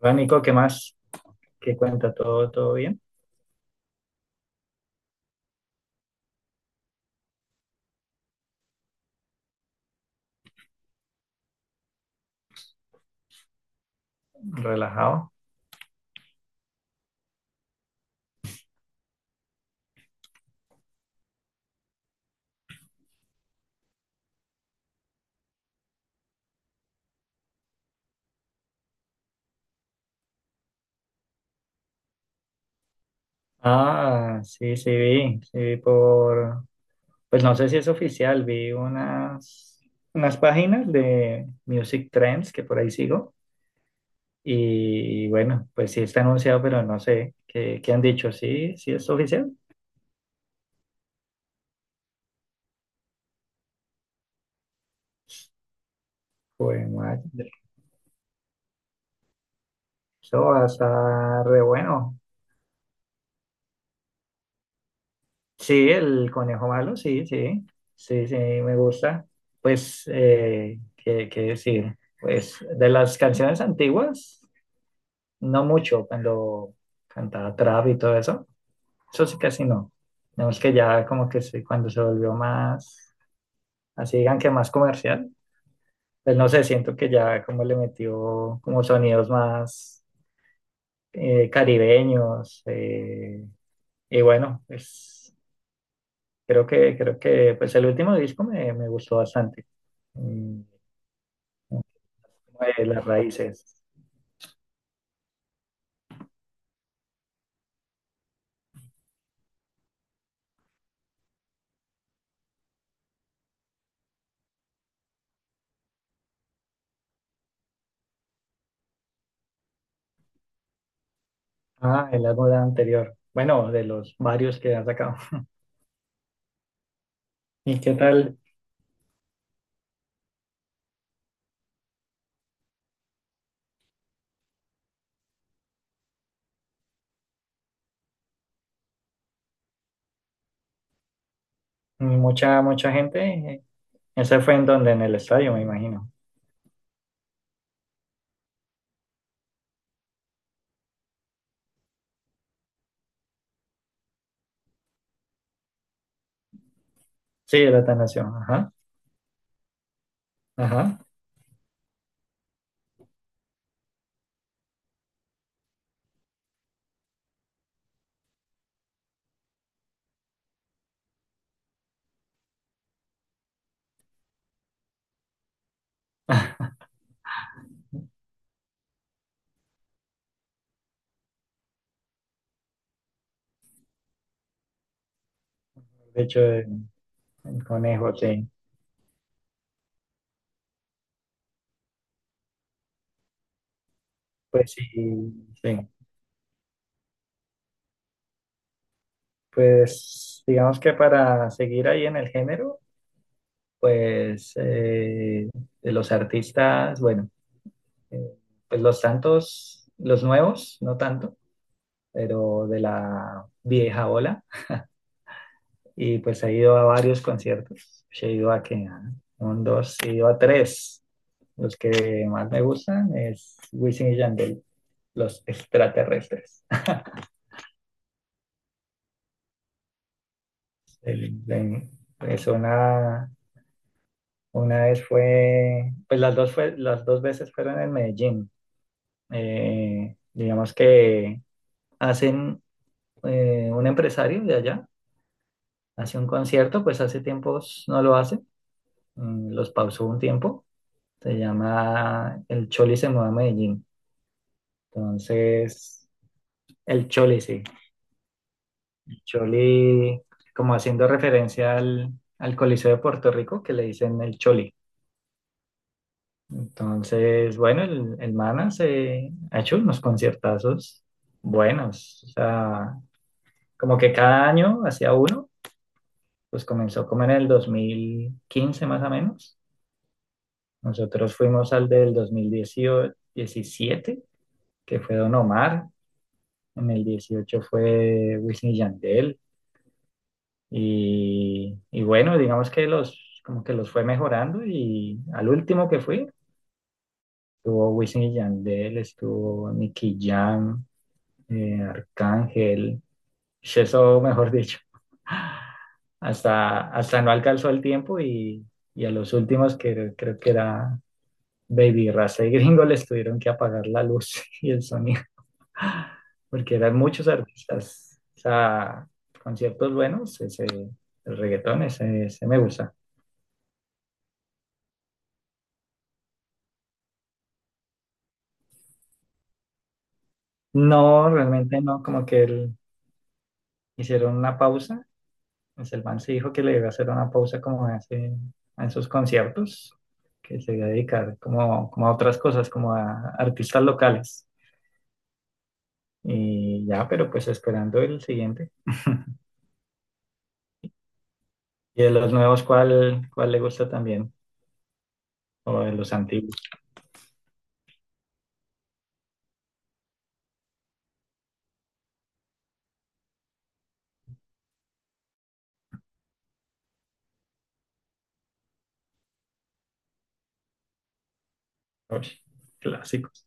Hola Nico, ¿qué más? ¿Qué cuenta? ¿Todo, todo bien? ¿Relajado? Ah, sí, sí vi por, pues no sé si es oficial, vi unas páginas de Music Trends que por ahí sigo y bueno, pues sí está anunciado, pero no sé, ¿qué han dicho? ¿Sí, sí es oficial? Pues madre, eso va a estar re bueno. Sí, el conejo malo, sí, sí, sí, sí, me gusta. Pues, ¿qué decir? Pues de las canciones antiguas, no mucho, cuando cantaba trap y todo eso, eso sí casi no. Tenemos que ya como que sí, cuando se volvió más, así digan que más comercial, pues no sé, siento que ya como le metió como sonidos más caribeños, y bueno, pues creo que pues el último disco me gustó bastante. Mm, Como de las raíces. Ah, el álbum anterior. Bueno, de los varios que han sacado. ¿Y qué tal? Mucha, mucha gente. Ese fue en donde, en el estadio, me imagino. Sí, el Atanasio. Ajá, ajá. De hecho, el conejo, sí. Pues sí, sí. Pues digamos que para seguir ahí en el género, pues de los artistas, bueno. Eh, pues los Santos, los nuevos, no tanto, pero de la vieja ola. Y pues he ido a varios conciertos. He ido a que a un, dos, he ido a tres. Los que más me gustan es Wisin y Yandel, los extraterrestres. El- el- pues una vez fue, las dos veces fueron en Medellín. Digamos que hacen un empresario de allá hace un concierto, pues hace tiempos no lo hace, los pausó un tiempo, se llama El Choli se mueve a Medellín. Entonces, el Choli, sí, el Choli, como haciendo referencia al, Coliseo de Puerto Rico, que le dicen el Choli. Entonces, bueno, el Mana se ha hecho unos conciertazos buenos, o sea, como que cada año hacía uno, pues comenzó como en el 2015 más o menos. Nosotros fuimos al del 2017 que fue Don Omar. En el 18 fue Wisin y Yandel. Y bueno, digamos que los, como que los fue mejorando. Y al último que fui, estuvo Wisin y Yandel, estuvo Nicky Jam, Arcángel. Pues eso, mejor dicho. Hasta no alcanzó el tiempo y a los últimos que creo que era Baby Rasta y Gringo les tuvieron que apagar la luz y el sonido, porque eran muchos artistas. O sea, conciertos buenos, ese, el reggaetón, ese me gusta. No, realmente no, como que hicieron una pausa. Pues el man se dijo que le iba a hacer una pausa como hace en sus conciertos, que se iba a dedicar como a otras cosas, como a artistas locales. Y ya, pero pues esperando el siguiente. Y de los nuevos, ¿cuál le gusta también? O de los antiguos. Uy, clásicos.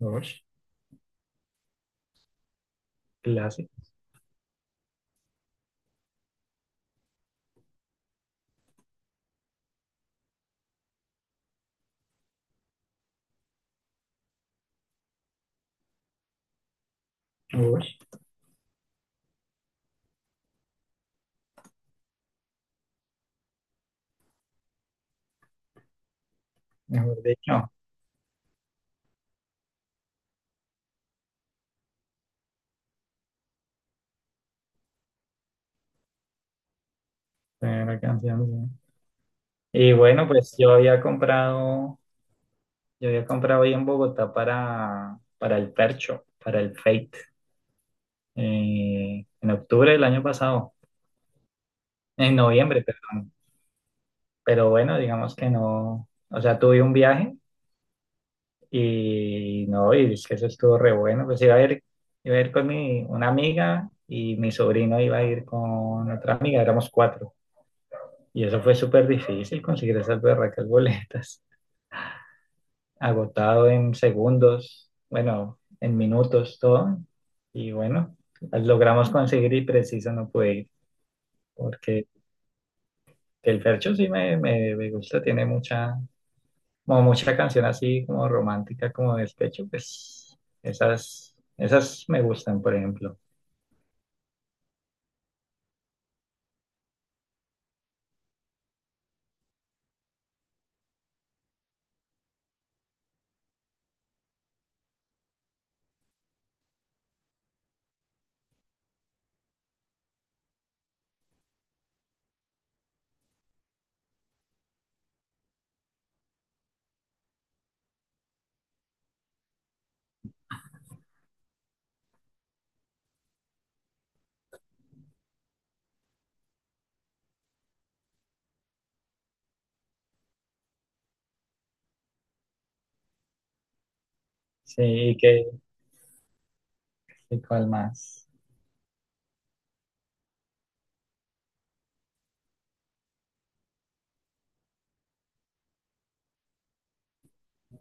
Uy, clásicos. Uy, mejor dicho. Primera canción. Sí. Y bueno, pues yo había comprado ahí en Bogotá para el Percho, para el Fate, en octubre del año pasado, en noviembre, perdón. Pero bueno, digamos que no, o sea, tuve un viaje y no, y es que eso estuvo re bueno. Pues iba a ir con una amiga y mi sobrino iba a ir con otra amiga, éramos cuatro. Y eso fue súper difícil conseguir esas berracas boletas. Agotado en segundos, bueno, en minutos, todo. Y bueno, las logramos conseguir y preciso no pude ir. Porque el Fercho sí me gusta, tiene mucha, como mucha canción así como romántica, como despecho, pues esas me gustan, por ejemplo. Sí, y cuál más.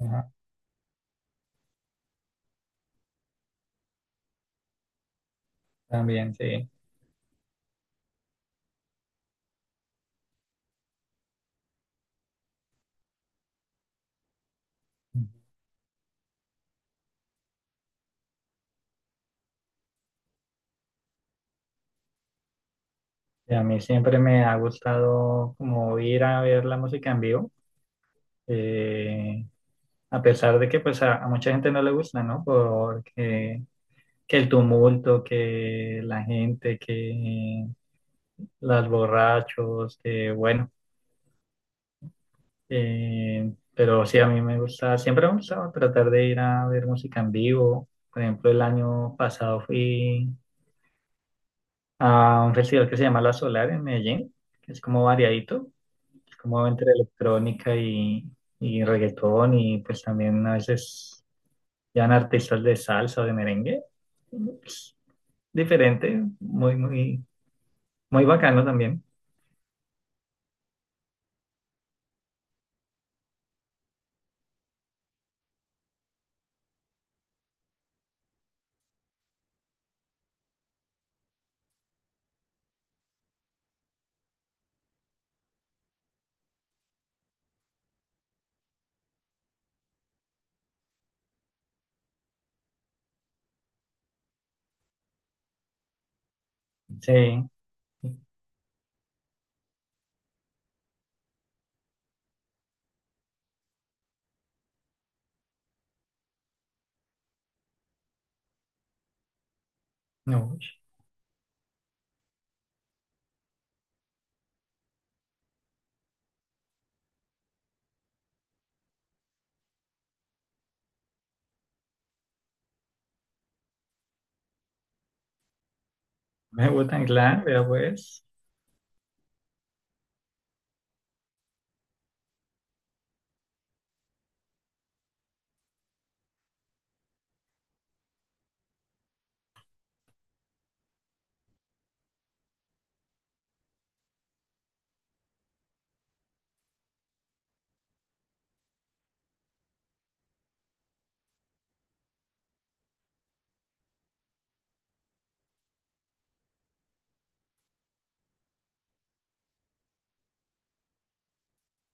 Ajá, también, sí. Y a mí siempre me ha gustado como ir a ver la música en vivo. eh, a pesar de que pues a mucha gente no le gusta, ¿no? Porque que el tumulto, que la gente, que las borrachos, que bueno, pero sí a mí me gusta, siempre me gustaba tratar de ir a ver música en vivo. Por ejemplo, el año pasado fui a un festival que se llama La Solar en Medellín, que es como variadito, es como entre electrónica y reggaetón y pues también a veces eran artistas de salsa, de merengue. Pues, diferente, muy, muy, muy bacano también. Sí. No, me gustan Clan, pero pues.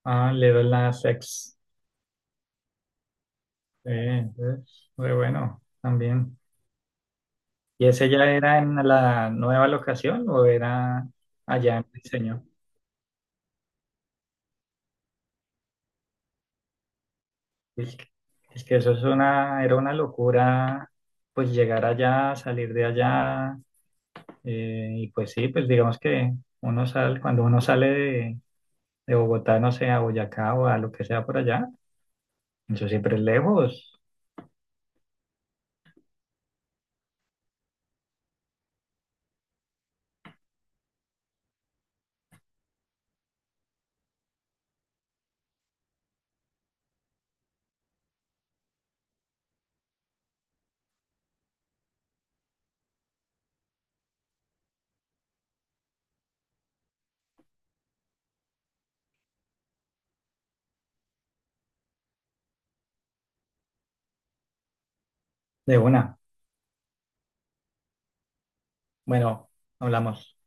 Ah, le doy la sex. Sí, es muy bueno también. ¿Y ese ya era en la nueva locación o era allá en el diseño? Es que, es que eso era una locura, pues llegar allá, salir de allá. Y pues sí, pues digamos que uno sale, cuando uno sale de Bogotá, no sé, a Boyacá o a lo que sea por allá. Eso siempre es lejos de una. Bueno, hablamos.